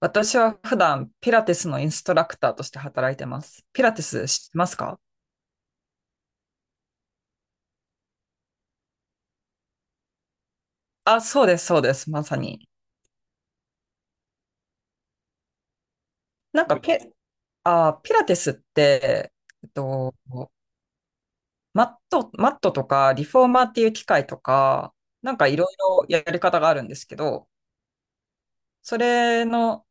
私は普段ピラティスのインストラクターとして働いてます。ピラティス知ってますか？あ、そうです、そうです、まさに。なんかピラティスって、えっと、マットとかリフォーマーっていう機械とか、なんかいろいろやり方があるんですけど、それの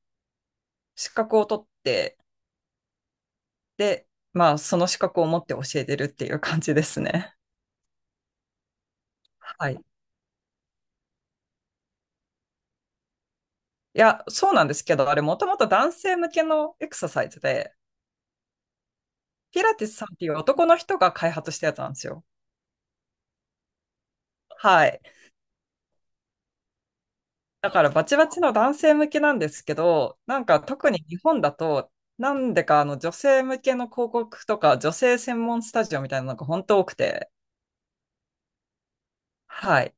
資格を取って、で、まあその資格を持って教えてるっていう感じですね。はい。いや、そうなんですけど、あれもともと男性向けのエクササイズで、ピラティスさんっていう男の人が開発したやつなんですよ。はい。だからバチバチの男性向けなんですけど、なんか特に日本だと、なんでかあの女性向けの広告とか女性専門スタジオみたいなのが本当多くて、はい。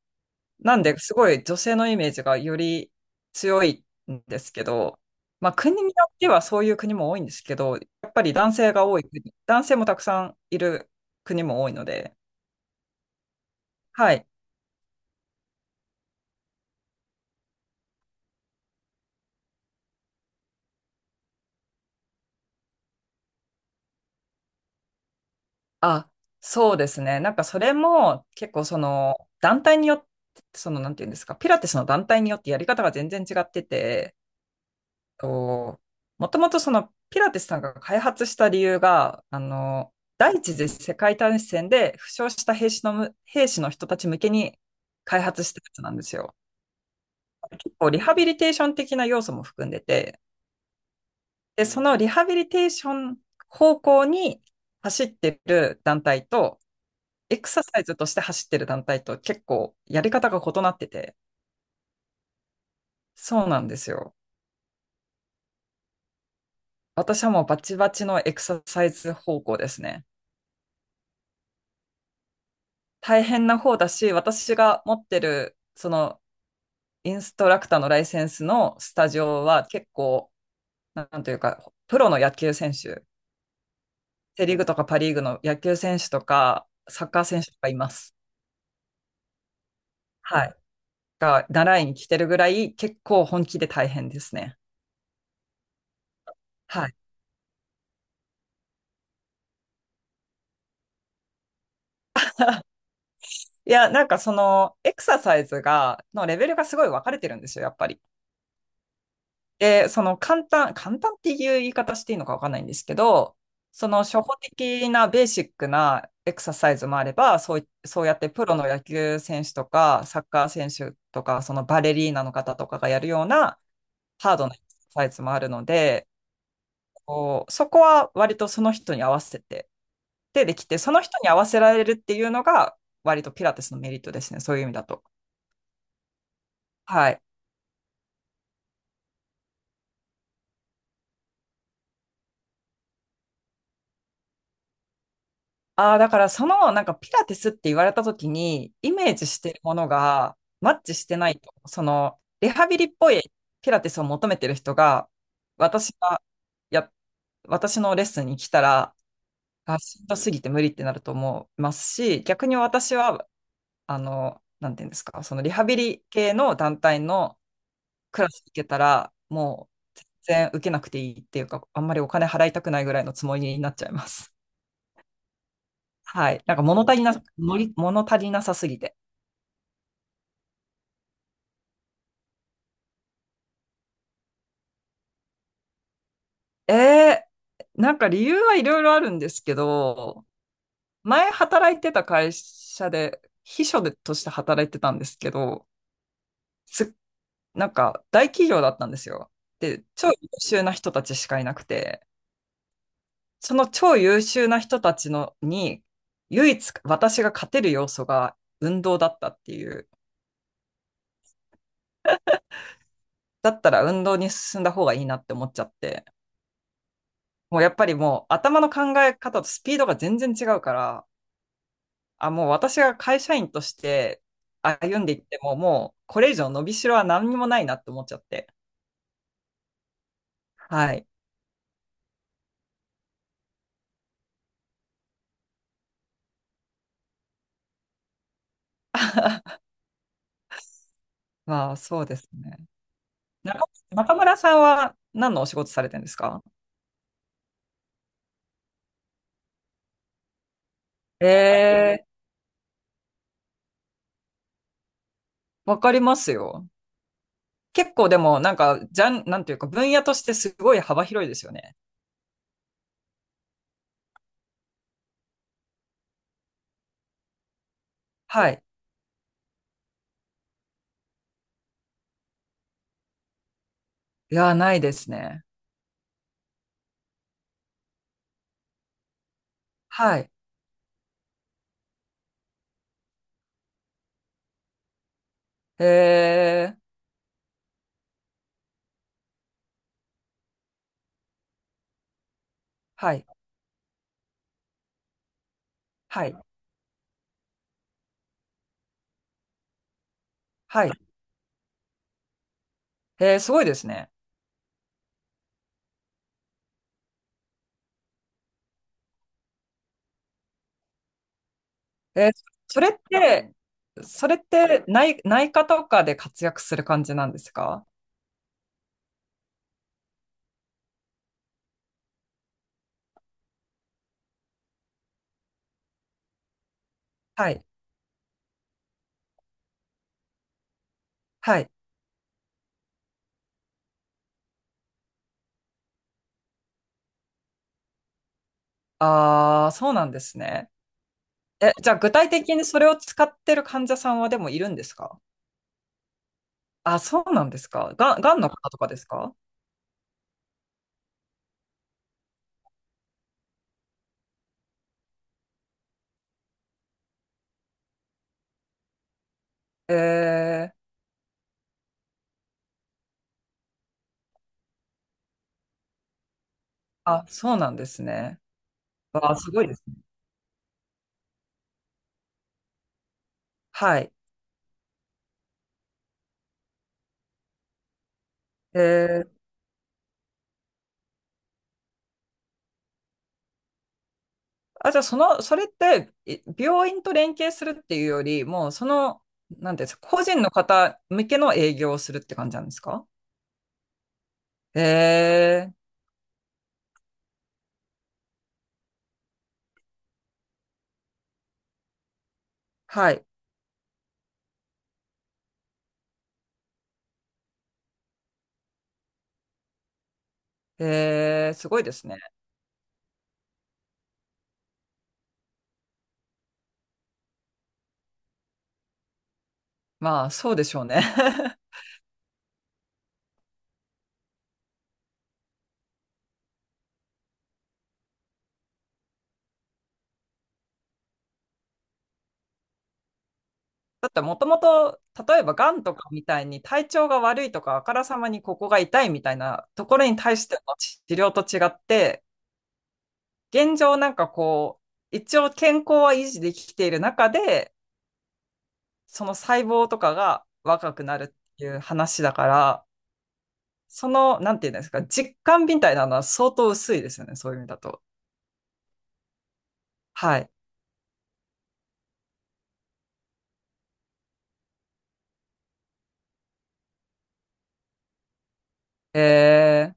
なんですごい女性のイメージがより強いんですけど、まあ国によってはそういう国も多いんですけど、やっぱり男性が多い国、男性もたくさんいる国も多いので、はい。あ、そうですね。なんかそれも結構その団体によって、そのなんていうんですか、ピラティスの団体によってやり方が全然違ってて、ともともとそのピラティスさんが開発した理由が、第一次世界大戦で負傷した兵士の人たち向けに開発したやつなんですよ。結構リハビリテーション的な要素も含んでて、で、そのリハビリテーション方向に走ってる団体と、エクササイズとして走ってる団体と結構やり方が異なってて、そうなんですよ。私はもうバチバチのエクササイズ方向ですね。大変な方だし、私が持ってる、その、インストラクターのライセンスのスタジオは結構、なんというか、プロの野球選手、セリーグとかパリーグの野球選手とか、サッカー選手とかいます。はい。が、習いに来てるぐらい、結構本気で大変ですね。はい。いや、なんかそのエクササイズが、のレベルがすごい分かれてるんですよ、やっぱり。で、その簡単っていう言い方していいのか分かんないんですけど、その初歩的なベーシックなエクササイズもあれば、そうい、そうやってプロの野球選手とか、サッカー選手とか、そのバレリーナの方とかがやるようなハードなエクササイズもあるので、こう、そこは割とその人に合わせて、できて、その人に合わせられるっていうのが、割とピラティスのメリットですね、そういう意味だと。はい。ああ、だからその、なんかピラティスって言われた時に、イメージしてるものがマッチしてないと、その、リハビリっぽいピラティスを求めてる人が、私が、や、私のレッスンに来たら、あ、しんどすぎて無理ってなると思いますし、逆に私は、なんていうんですか、そのリハビリ系の団体のクラス行けたら、もう全然受けなくていいっていうか、あんまりお金払いたくないぐらいのつもりになっちゃいます。はい。なんか物足りな、のり物足りなさすぎて。ええなんか理由はいろいろあるんですけど、前働いてた会社で、秘書でとして働いてたんですけど、す、なんか大企業だったんですよ。で、超優秀な人たちしかいなくて、その超優秀な人たちのに、唯一私が勝てる要素が運動だったっていう、だったら運動に進んだ方がいいなって思っちゃって、もうやっぱりもう頭の考え方とスピードが全然違うから、あ、もう私が会社員として歩んでいっても、もうこれ以上伸びしろは何にもないなって思っちゃって。はい。まあそうですね。中、中村さんは何のお仕事されてるんですか？ええー、わかりますよ。結構でもなんか、じゃん、なんていうか分野としてすごい幅広いですよね。はい。いやー、ないですね。はい。ええ、はい。はい。はい。えー、すごいですね。えー、それって、それって内科とかで活躍する感じなんですか？はい。はい。ああ、そうなんですね。え、じゃあ具体的にそれを使ってる患者さんはでもいるんですか？あ、そうなんですか。がんの方とかですか？えー、あ、そうなんですね。わあ、すごいですね。はい。えー、じゃあその、それって、病院と連携するっていうより、もうその、なんていうんですか、個人の方向けの営業をするって感じなんですか？へえ、はい。へえ、すごいですね。まあ、そうでしょうね。だって、もともと、例えば、がんとかみたいに体調が悪いとか、あからさまにここが痛いみたいなところに対しての治療と違って、現状なんかこう、一応健康は維持できている中で、その細胞とかが若くなるっていう話だから、その、なんていうんですか、実感みたいなのは相当薄いですよね、そういう意味だと。はい。へえ、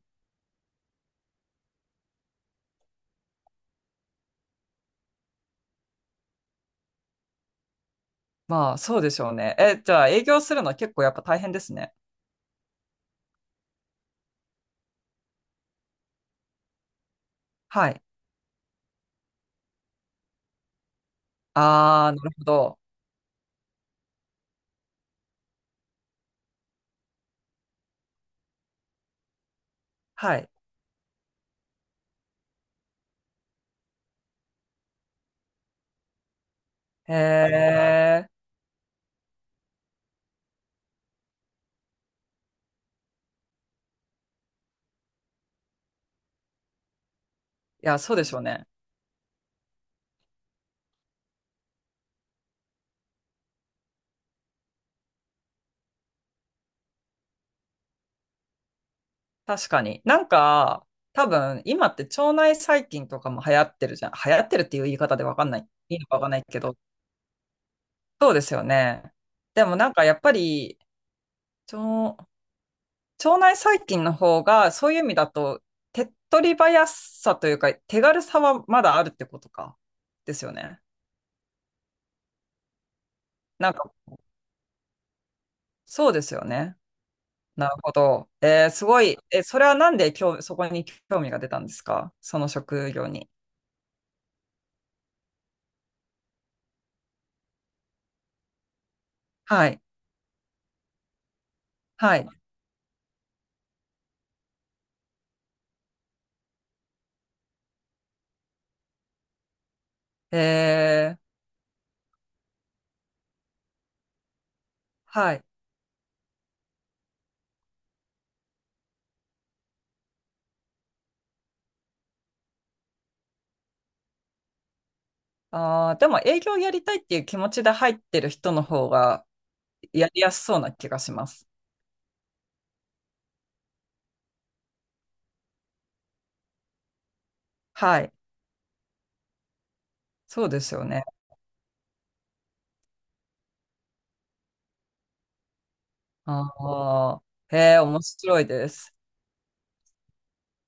まあ、そうでしょうね。え、じゃあ、営業するのは結構やっぱ大変ですね。はい。あー、なるほど。はい。へえ。いや、そうでしょうね。確かに。なんか、多分、今って腸内細菌とかも流行ってるじゃん。流行ってるっていう言い方でわかんない。いいのかわかんないけど。そうですよね。でもなんか、やっぱり、腸、腸内細菌の方が、そういう意味だと、手っ取り早さというか、手軽さはまだあるってことか。ですよね。なんか、そうですよね。なるほど。えーすごい。え、それはなんでそこに興味が出たんですかその職業に。はい。はい。えー、はい。あー、でも営業やりたいっていう気持ちで入ってる人の方がやりやすそうな気がします。はい。そうですよね。ああ、へえ、面白いです。